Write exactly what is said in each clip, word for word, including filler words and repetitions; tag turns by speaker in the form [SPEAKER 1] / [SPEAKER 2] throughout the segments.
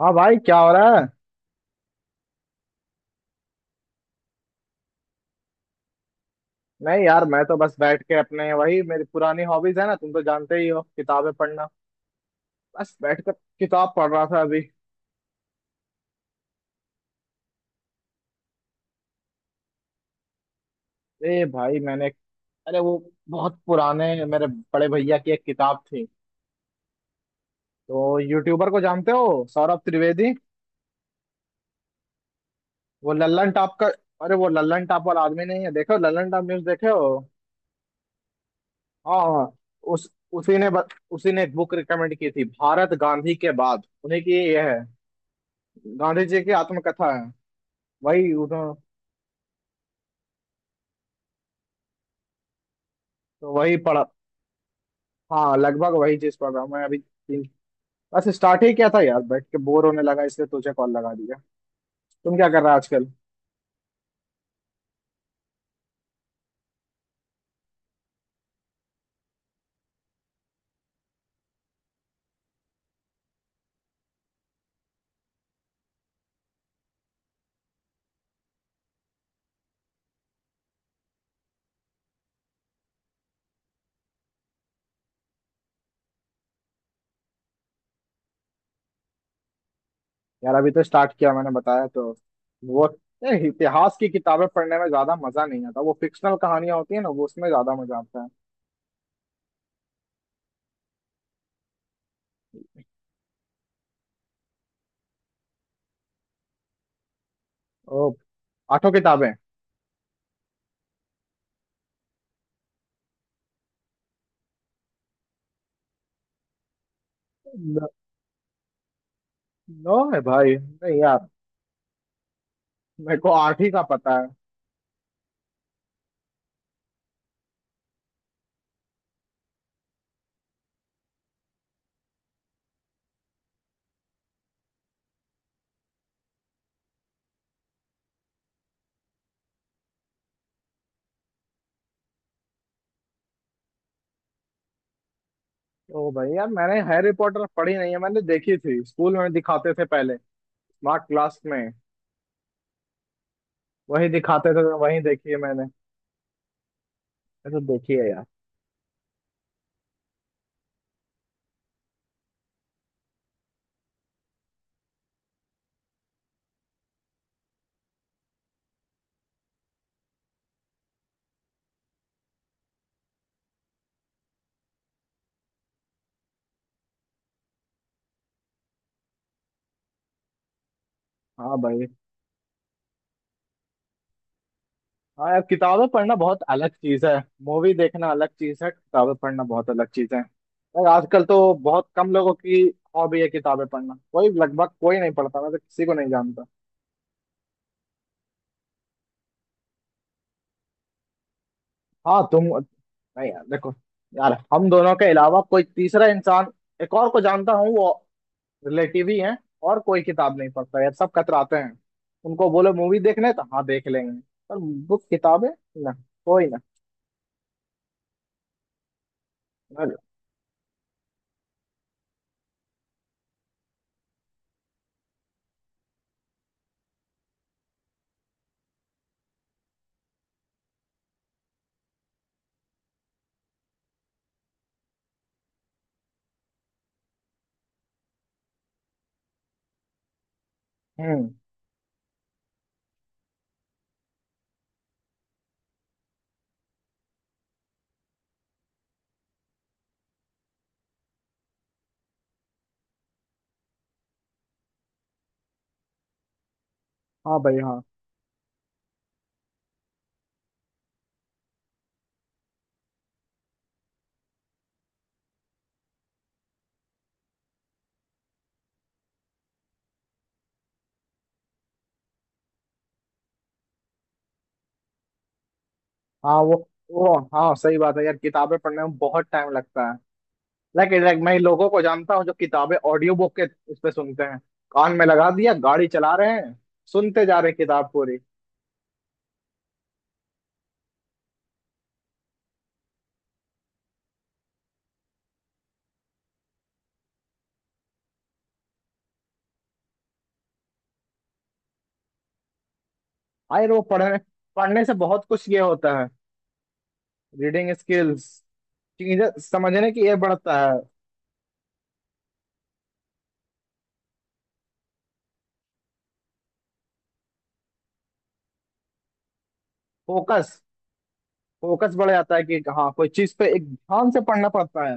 [SPEAKER 1] हाँ भाई क्या हो रहा है? नहीं यार, मैं तो बस बैठ के अपने, वही मेरी पुरानी हॉबीज है ना, तुम तो जानते ही हो, किताबें पढ़ना। बस बैठ कर किताब पढ़ रहा था अभी। ए भाई मैंने, अरे वो, बहुत पुराने मेरे बड़े भैया की एक किताब थी। तो यूट्यूबर को जानते हो, सौरभ त्रिवेदी, वो लल्लन टॉप का। अरे वो लल्लन टॉप वाला आदमी नहीं है, देखो लल्लन टॉप न्यूज देखे हो? हाँ हाँ। उस उसी ने ब- उसी ने एक बुक रिकमेंड की थी, भारत गांधी के बाद, उन्हीं की ये है, गांधी जी की आत्मकथा है, वही। तो वही पढ़ा। हाँ लगभग वही चीज पढ़ रहा हूँ मैं अभी, तीन। बस स्टार्ट ही किया था यार, बैठ के बोर होने लगा इसलिए तुझे कॉल लगा दिया। तुम क्या कर रहे हो आजकल? यार अभी तो स्टार्ट किया, मैंने बताया तो। वो ए, इतिहास की किताबें पढ़ने में ज्यादा मजा नहीं आता, वो फिक्शनल कहानियां होती है ना, वो उसमें ज्यादा मजा आता है। ओ। आठों किताबें। न- नो है भाई, नहीं यार, मेरे को आठ ही का पता है। ओ भाई यार, मैंने हैरी पॉटर पढ़ी नहीं है, मैंने देखी थी, स्कूल में दिखाते थे पहले, स्मार्ट क्लास में। वही दिखाते थे तो वही देखी है मैंने। तो देखिए यार। हाँ भाई हाँ। यार किताबें पढ़ना बहुत अलग चीज है, मूवी देखना अलग चीज है, किताबें पढ़ना बहुत अलग चीज है। और आजकल तो बहुत कम लोगों की हॉबी है किताबें पढ़ना, कोई, लगभग कोई नहीं पढ़ता, मैं तो किसी को नहीं जानता। हाँ तुम नहीं। यार देखो, यार हम दोनों के अलावा कोई तीसरा इंसान, एक और को जानता हूँ, वो रिलेटिव ही है। और कोई किताब नहीं पढ़ता यार, सब कतराते हैं। उनको बोलो मूवी देखने तो हाँ देख लेंगे, पर बुक, किताबें, ना, कोई ना। हम्म। हाँ भाई हाँ। हाँ, वो वो, हाँ सही बात है यार, किताबें पढ़ने में बहुत टाइम लगता है। लाइक लाइक मैं लोगों को जानता हूँ जो किताबें ऑडियो बुक के उस पे सुनते हैं। कान में लगा दिया, गाड़ी चला रहे हैं, सुनते जा रहे हैं किताब पूरी। हाँ यार, वो पढ़ने पढ़ने से बहुत कुछ ये होता है, रीडिंग स्किल्स, चीजें समझने की ये बढ़ता है। फोकस फोकस बढ़ जाता है कि हाँ, कोई चीज पे एक ध्यान से पढ़ना पड़ता है।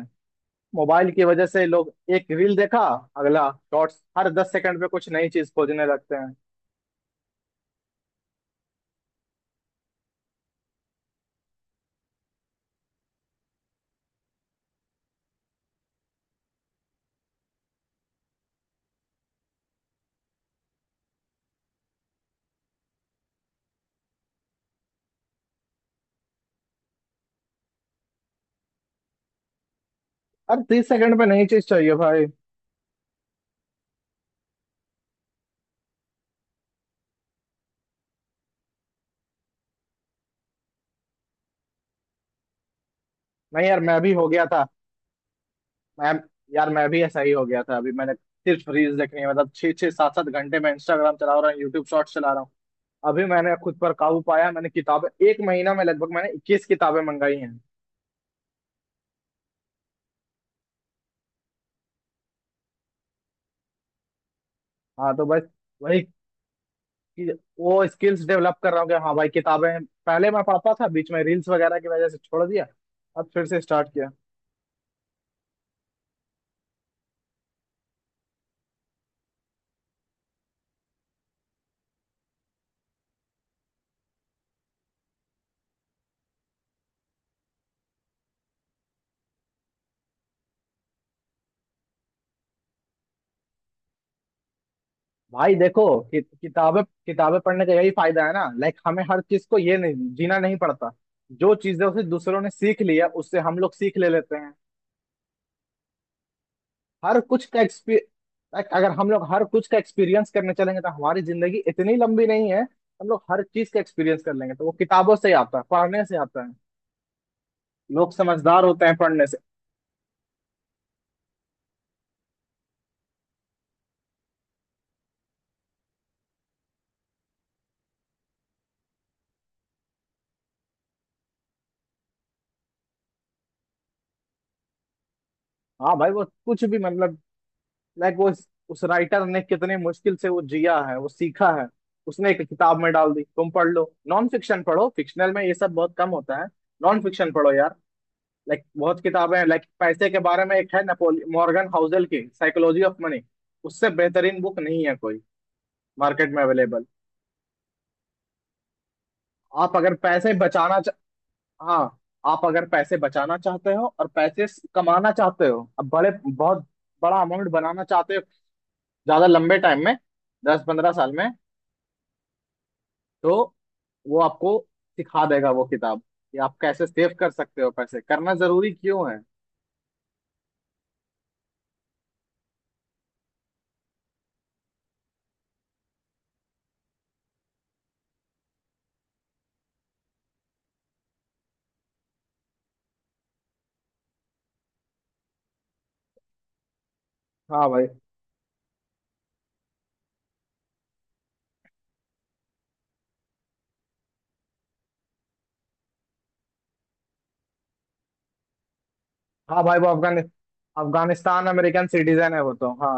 [SPEAKER 1] मोबाइल की वजह से लोग एक रील देखा, अगला शॉर्ट्स, हर दस सेकंड पे कुछ नई चीज खोजने लगते हैं। अरे तीस सेकंड पे नई चीज चाहिए भाई। नहीं यार मैं भी हो गया था। मैं यार, मैं भी ऐसा ही हो गया था, अभी मैंने, सिर्फ रील्स देखनी है, मतलब छह छह सात सात घंटे मैं इंस्टाग्राम चला रहा हूँ, यूट्यूब शॉर्ट्स चला रहा हूँ। अभी मैंने खुद पर काबू पाया, मैंने किताबें एक महीना में, लगभग मैंने इक्कीस किताबें मंगाई हैं। हाँ तो बस, वही। कि- वो स्किल्स डेवलप कर रहा हूँ कि हाँ भाई, किताबें, पहले मैं पढ़ता था, बीच में रील्स वगैरह की वजह से छोड़ दिया। अब फिर से स्टार्ट किया। भाई देखो, कि, किताबें किताबें पढ़ने का यही फायदा है ना, लाइक हमें हर चीज को ये, नहीं जीना नहीं पड़ता। जो चीजें उसे दूसरों ने सीख लिया उससे हम लोग सीख ले लेते हैं। हर कुछ का एक्सपीरियंस, अगर हम लोग हर कुछ का एक्सपीरियंस करने चलेंगे तो हमारी जिंदगी इतनी लंबी नहीं है, हम लोग हर चीज का एक्सपीरियंस कर लेंगे, तो वो किताबों से ही आता है, पढ़ने से आता है। लोग समझदार होते हैं पढ़ने से। हाँ भाई, वो कुछ भी मतलब, लाइक वो इस- उस राइटर ने कितने मुश्किल से वो जिया है, वो सीखा है, उसने एक किताब में डाल दी, तुम पढ़ लो। नॉन फिक्शन पढ़ो, फिक्शनल में ये सब बहुत कम होता है, नॉन फिक्शन पढ़ो यार। लाइक बहुत किताबें हैं, लाइक पैसे के बारे में एक है, नेपोलियन मॉर्गन हाउसेल की साइकोलॉजी ऑफ मनी। उससे बेहतरीन बुक नहीं है कोई, मार्केट में अवेलेबल। आप अगर पैसे बचाना चा... हाँ आप अगर पैसे बचाना चाहते हो और पैसे स- कमाना चाहते हो, अब बड़े बहुत बड़ा अमाउंट बनाना चाहते हो, ज्यादा लंबे टाइम में, दस पंद्रह साल में, तो वो आपको सिखा देगा वो किताब कि आप कैसे सेव कर सकते हो पैसे, करना जरूरी क्यों है। हाँ भाई। हाँ भाई, वो अफगानि अफगानिस्तान अमेरिकन सिटीजन है वो तो हाँ।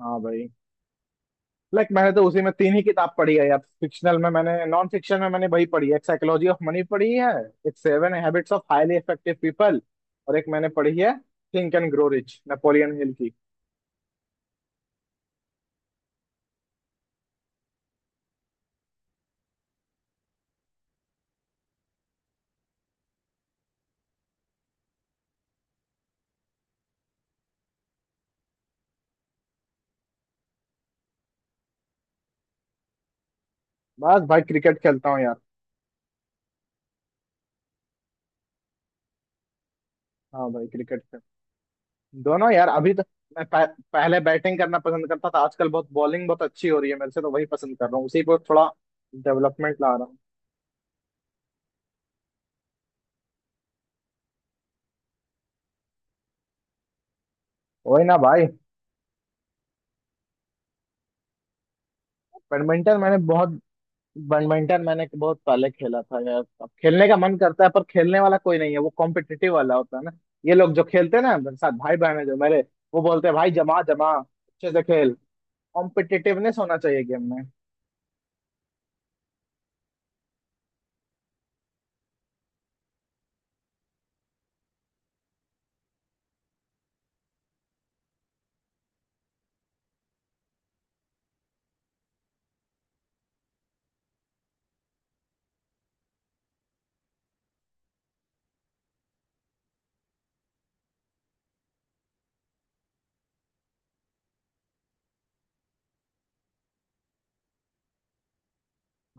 [SPEAKER 1] हाँ भाई, लाइक मैंने तो उसी में, तीन ही किताब पढ़ी है यार, फिक्शनल में, मैंने नॉन फिक्शन में मैंने वही पढ़ी है, एक साइकोलॉजी ऑफ मनी पढ़ी है, एक seven habits of highly effective people, और एक मैंने पढ़ी है, think and grow rich Napoleon Hill की। बस भाई क्रिकेट खेलता हूँ यार। हाँ भाई क्रिकेट, दोनों यार। अभी तो मैं पह, पहले बैटिंग करना पसंद करता था, आजकल बहुत बॉलिंग बहुत अच्छी हो रही है मेरे से, तो वही पसंद कर रहा हूँ, उसी पर थोड़ा डेवलपमेंट ला रहा हूँ। वही ना भाई। बैडमिंटन मैंने बहुत बैडमिंटन मैंने बहुत पहले खेला था यार, अब खेलने का मन करता है पर खेलने वाला कोई नहीं है, वो कॉम्पिटिटिव वाला होता है ना। ये लोग जो खेलते हैं ना मेरे साथ, भाई बहन है जो मेरे, वो बोलते हैं भाई जमा जमा अच्छे से खेल। कॉम्पिटिटिवनेस होना चाहिए गेम में।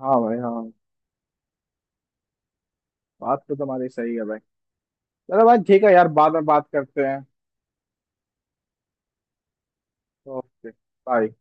[SPEAKER 1] हाँ भाई हाँ। बात तो तुम्हारी सही है भाई। चलो भाई ठीक है यार, बाद में बात करते हैं। Okay bye.